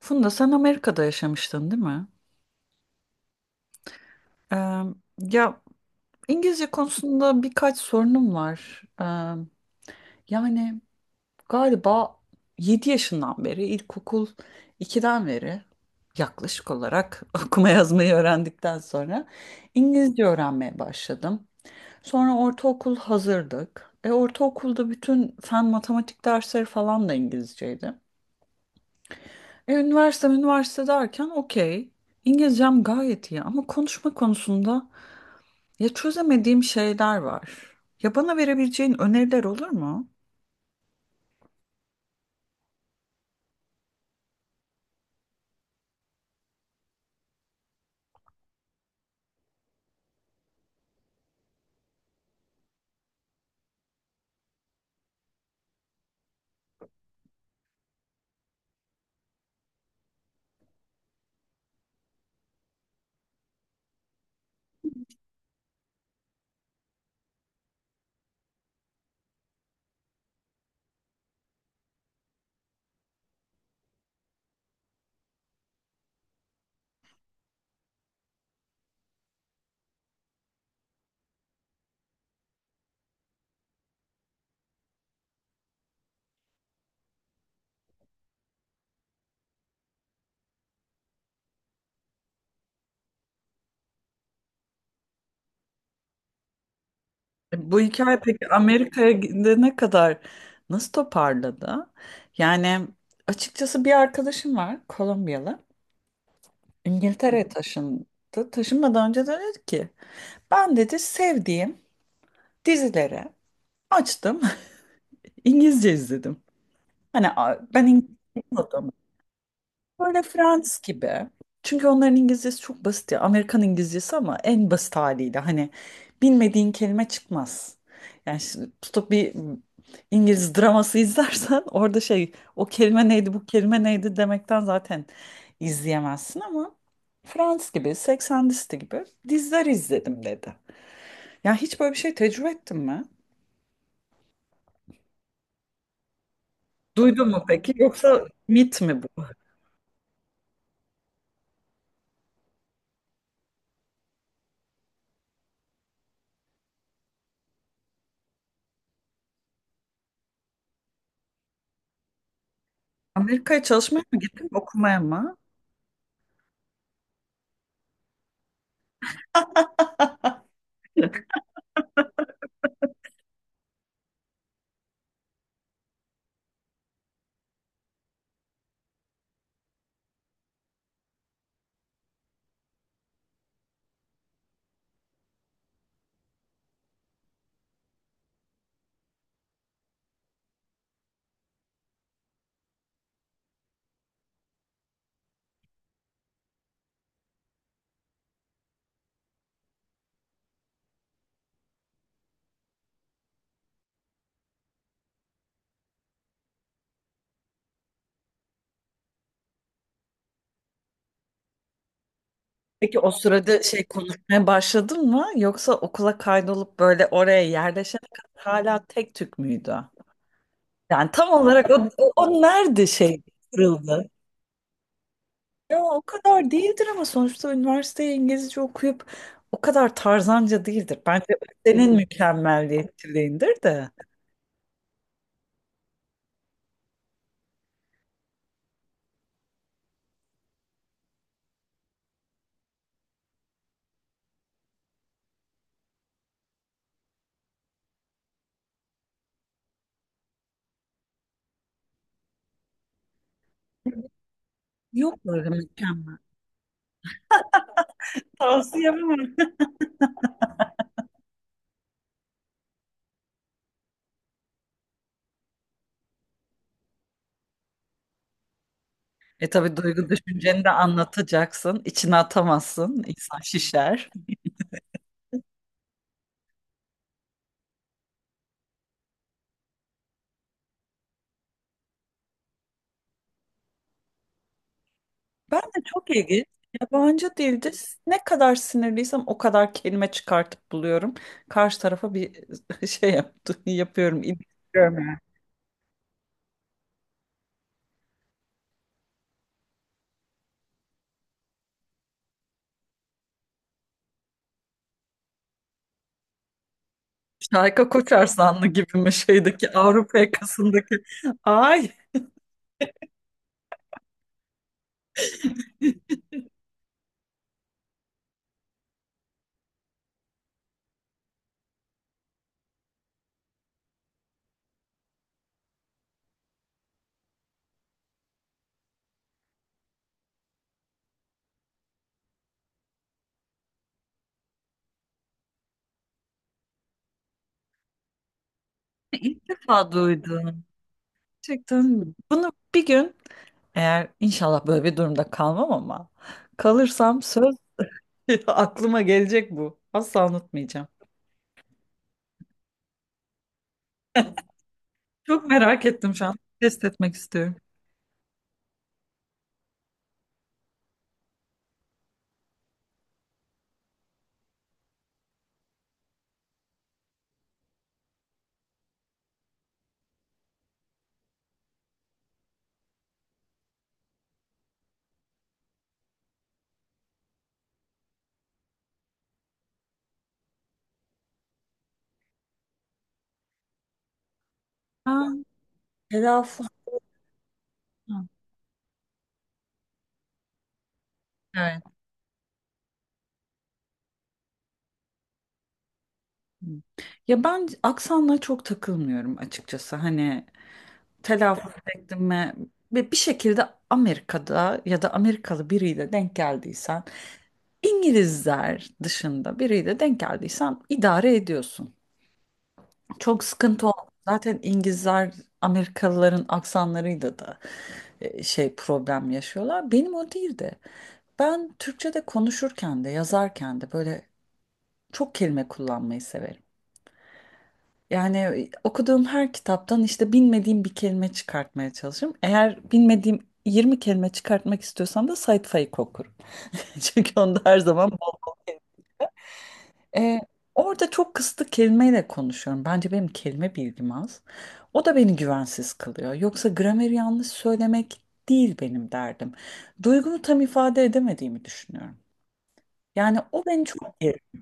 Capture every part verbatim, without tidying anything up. Funda sen Amerika'da yaşamıştın değil mi? Ee, ya İngilizce konusunda birkaç sorunum var. Ee, yani galiba yedi yaşından beri ilkokul ikiden beri yaklaşık olarak okuma yazmayı öğrendikten sonra İngilizce öğrenmeye başladım. Sonra ortaokul hazırdık. E, ortaokulda bütün fen matematik dersleri falan da İngilizceydi. E, üniversite üniversite derken okey. İngilizcem gayet iyi ama konuşma konusunda ya çözemediğim şeyler var. Ya bana verebileceğin öneriler olur mu? E, Bu hikaye peki Amerika'ya gidene kadar nasıl toparladı? Yani açıkçası bir arkadaşım var, Kolombiyalı. İngiltere'ye taşındı. Taşınmadan önce de dedi ki, ben dedi sevdiğim dizileri açtım, İngilizce izledim. Hani a- ben İngilizce. Böyle Friends gibi. Çünkü onların İngilizcesi çok basit ya. Amerikan İngilizcesi ama en basit haliyle. Hani bilmediğin kelime çıkmaz. Yani şimdi tutup bir İngiliz draması izlersen, orada şey, o kelime neydi bu kelime neydi demekten zaten izleyemezsin, ama Friends gibi seksen listi gibi diziler izledim dedi. Ya hiç böyle bir şey tecrübe ettin mi? Duydun mu peki? Yoksa mit mi bu? Amerika'ya çalışmaya mı gittin, okumaya mı? Peki o sırada şey, konuşmaya başladın mı? Yoksa okula kaydolup böyle oraya yerleşene kadar hala tek tük müydü? Yani tam olarak o, o, o nerede şey kırıldı? Ya o kadar değildir ama sonuçta üniversiteye İngilizce okuyup o kadar tarzanca değildir. Bence senin mükemmelliyetçiliğindir de. Yok böyle mükemmel. Tavsiye yapamam. E tabii duygu düşünceni de anlatacaksın. İçine atamazsın. İnsan şişer. Ben de çok ilginç. Yabancı dilde s- ne kadar sinirliysem o kadar kelime çıkartıp buluyorum. Karşı tarafa bir şey yaptı, yapıyorum. İlgiliyorum yani. Şarkı Koçarsanlı gibi mi, şeydeki Avrupa yakasındaki? Ay ilk defa duydum. Gerçekten bunu bir gün, eğer inşallah böyle bir durumda kalmam ama kalırsam, söz, aklıma gelecek bu. Asla unutmayacağım. Çok merak ettim şu an. Test etmek istiyorum. Ha, telaffuz. Evet. Ya ben aksanla çok takılmıyorum açıkçası. Hani telaffuz ettim mi ve bir şekilde Amerika'da ya da Amerikalı biriyle denk geldiysen, İngilizler dışında biriyle denk geldiysen, idare ediyorsun. Çok sıkıntı oldu. Zaten İngilizler Amerikalıların aksanlarıyla da e, şey, problem yaşıyorlar. Benim o değildi. Ben Türkçe'de konuşurken de yazarken de böyle çok kelime kullanmayı severim. Yani e, okuduğum her kitaptan işte bilmediğim bir kelime çıkartmaya çalışırım. Eğer bilmediğim yirmi kelime çıkartmak istiyorsam da Sait Faik okurum. Çünkü onda her zaman bol bol. Ee, orada çok kısıtlı kelimeyle konuşuyorum. Bence benim kelime bilgim az. O da beni güvensiz kılıyor. Yoksa grameri yanlış söylemek değil benim derdim. Duygumu tam ifade edemediğimi düşünüyorum. Yani o beni çok geriyor.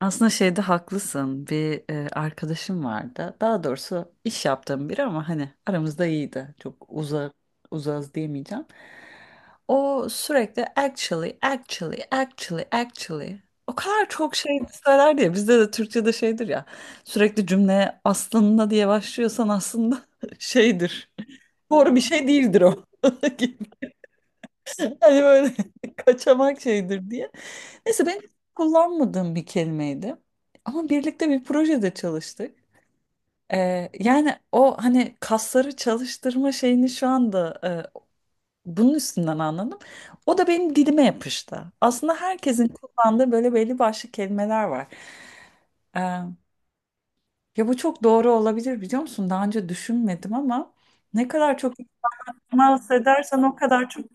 Aslında şeyde haklısın. Bir e, arkadaşım vardı. Daha doğrusu iş yaptığım biri ama hani aramızda iyiydi. Çok uzak uzağız diyemeyeceğim. O sürekli actually, actually, actually, actually. O kadar çok şey söyler diye bizde de Türkçe'de şeydir ya. Sürekli cümleye aslında diye başlıyorsan, aslında şeydir. Doğru bir şey değildir o. Hani böyle kaçamak şeydir diye. Neyse ben kullanmadığım bir kelimeydi. Ama birlikte bir projede çalıştık. Ee, yani o hani kasları çalıştırma şeyini şu anda bunun üstünden anladım. O da benim dilime yapıştı. Aslında herkesin kullandığı böyle belli başlı kelimeler var. Ee, ya bu çok doğru olabilir biliyor musun? Daha önce düşünmedim ama ne kadar çok temas edersen o kadar çok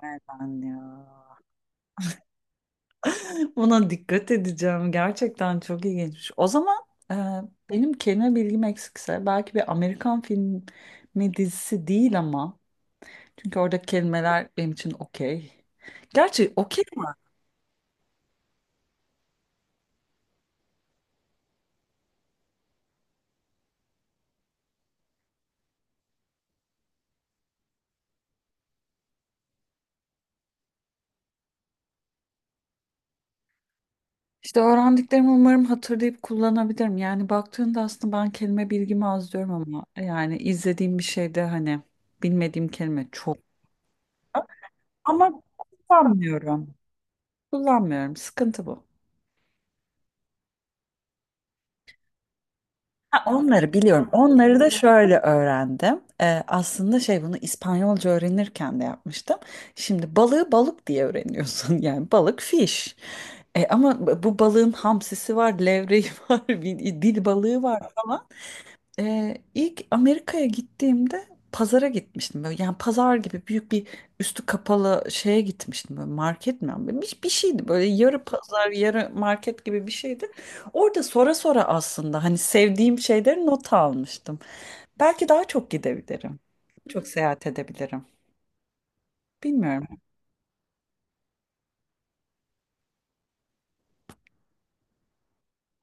güven ya. Buna dikkat edeceğim. Gerçekten çok ilginç. O zaman e, benim kelime bilgim eksikse belki bir Amerikan filmi dizisi değil, ama çünkü orada kelimeler benim için okey. Gerçi okey. İşte öğrendiklerimi umarım hatırlayıp kullanabilirim. Yani baktığında aslında ben kelime bilgimi az diyorum ama yani izlediğim bir şeyde hani bilmediğim kelime çok. Ama kullanmıyorum. Kullanmıyorum. Sıkıntı bu. Ha, onları biliyorum. Onları da şöyle öğrendim. Ee, aslında şey, bunu İspanyolca öğrenirken de yapmıştım. Şimdi balığı balık diye öğreniyorsun. Yani balık fish. E, ama bu balığın hamsisi var, levreği var, bir dil balığı var falan. Ee, ilk Amerika'ya gittiğimde pazara gitmiştim. Böyle, yani pazar gibi büyük bir üstü kapalı şeye gitmiştim. Böyle market mi? Bir, bir şeydi böyle, yarı pazar yarı market gibi bir şeydi. Orada sonra sonra aslında hani sevdiğim şeyleri not almıştım. Belki daha çok gidebilirim. Çok seyahat edebilirim. Bilmiyorum.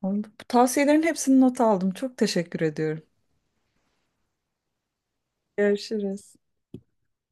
Bu tavsiyelerin hepsini not aldım. Çok teşekkür ediyorum. Görüşürüz.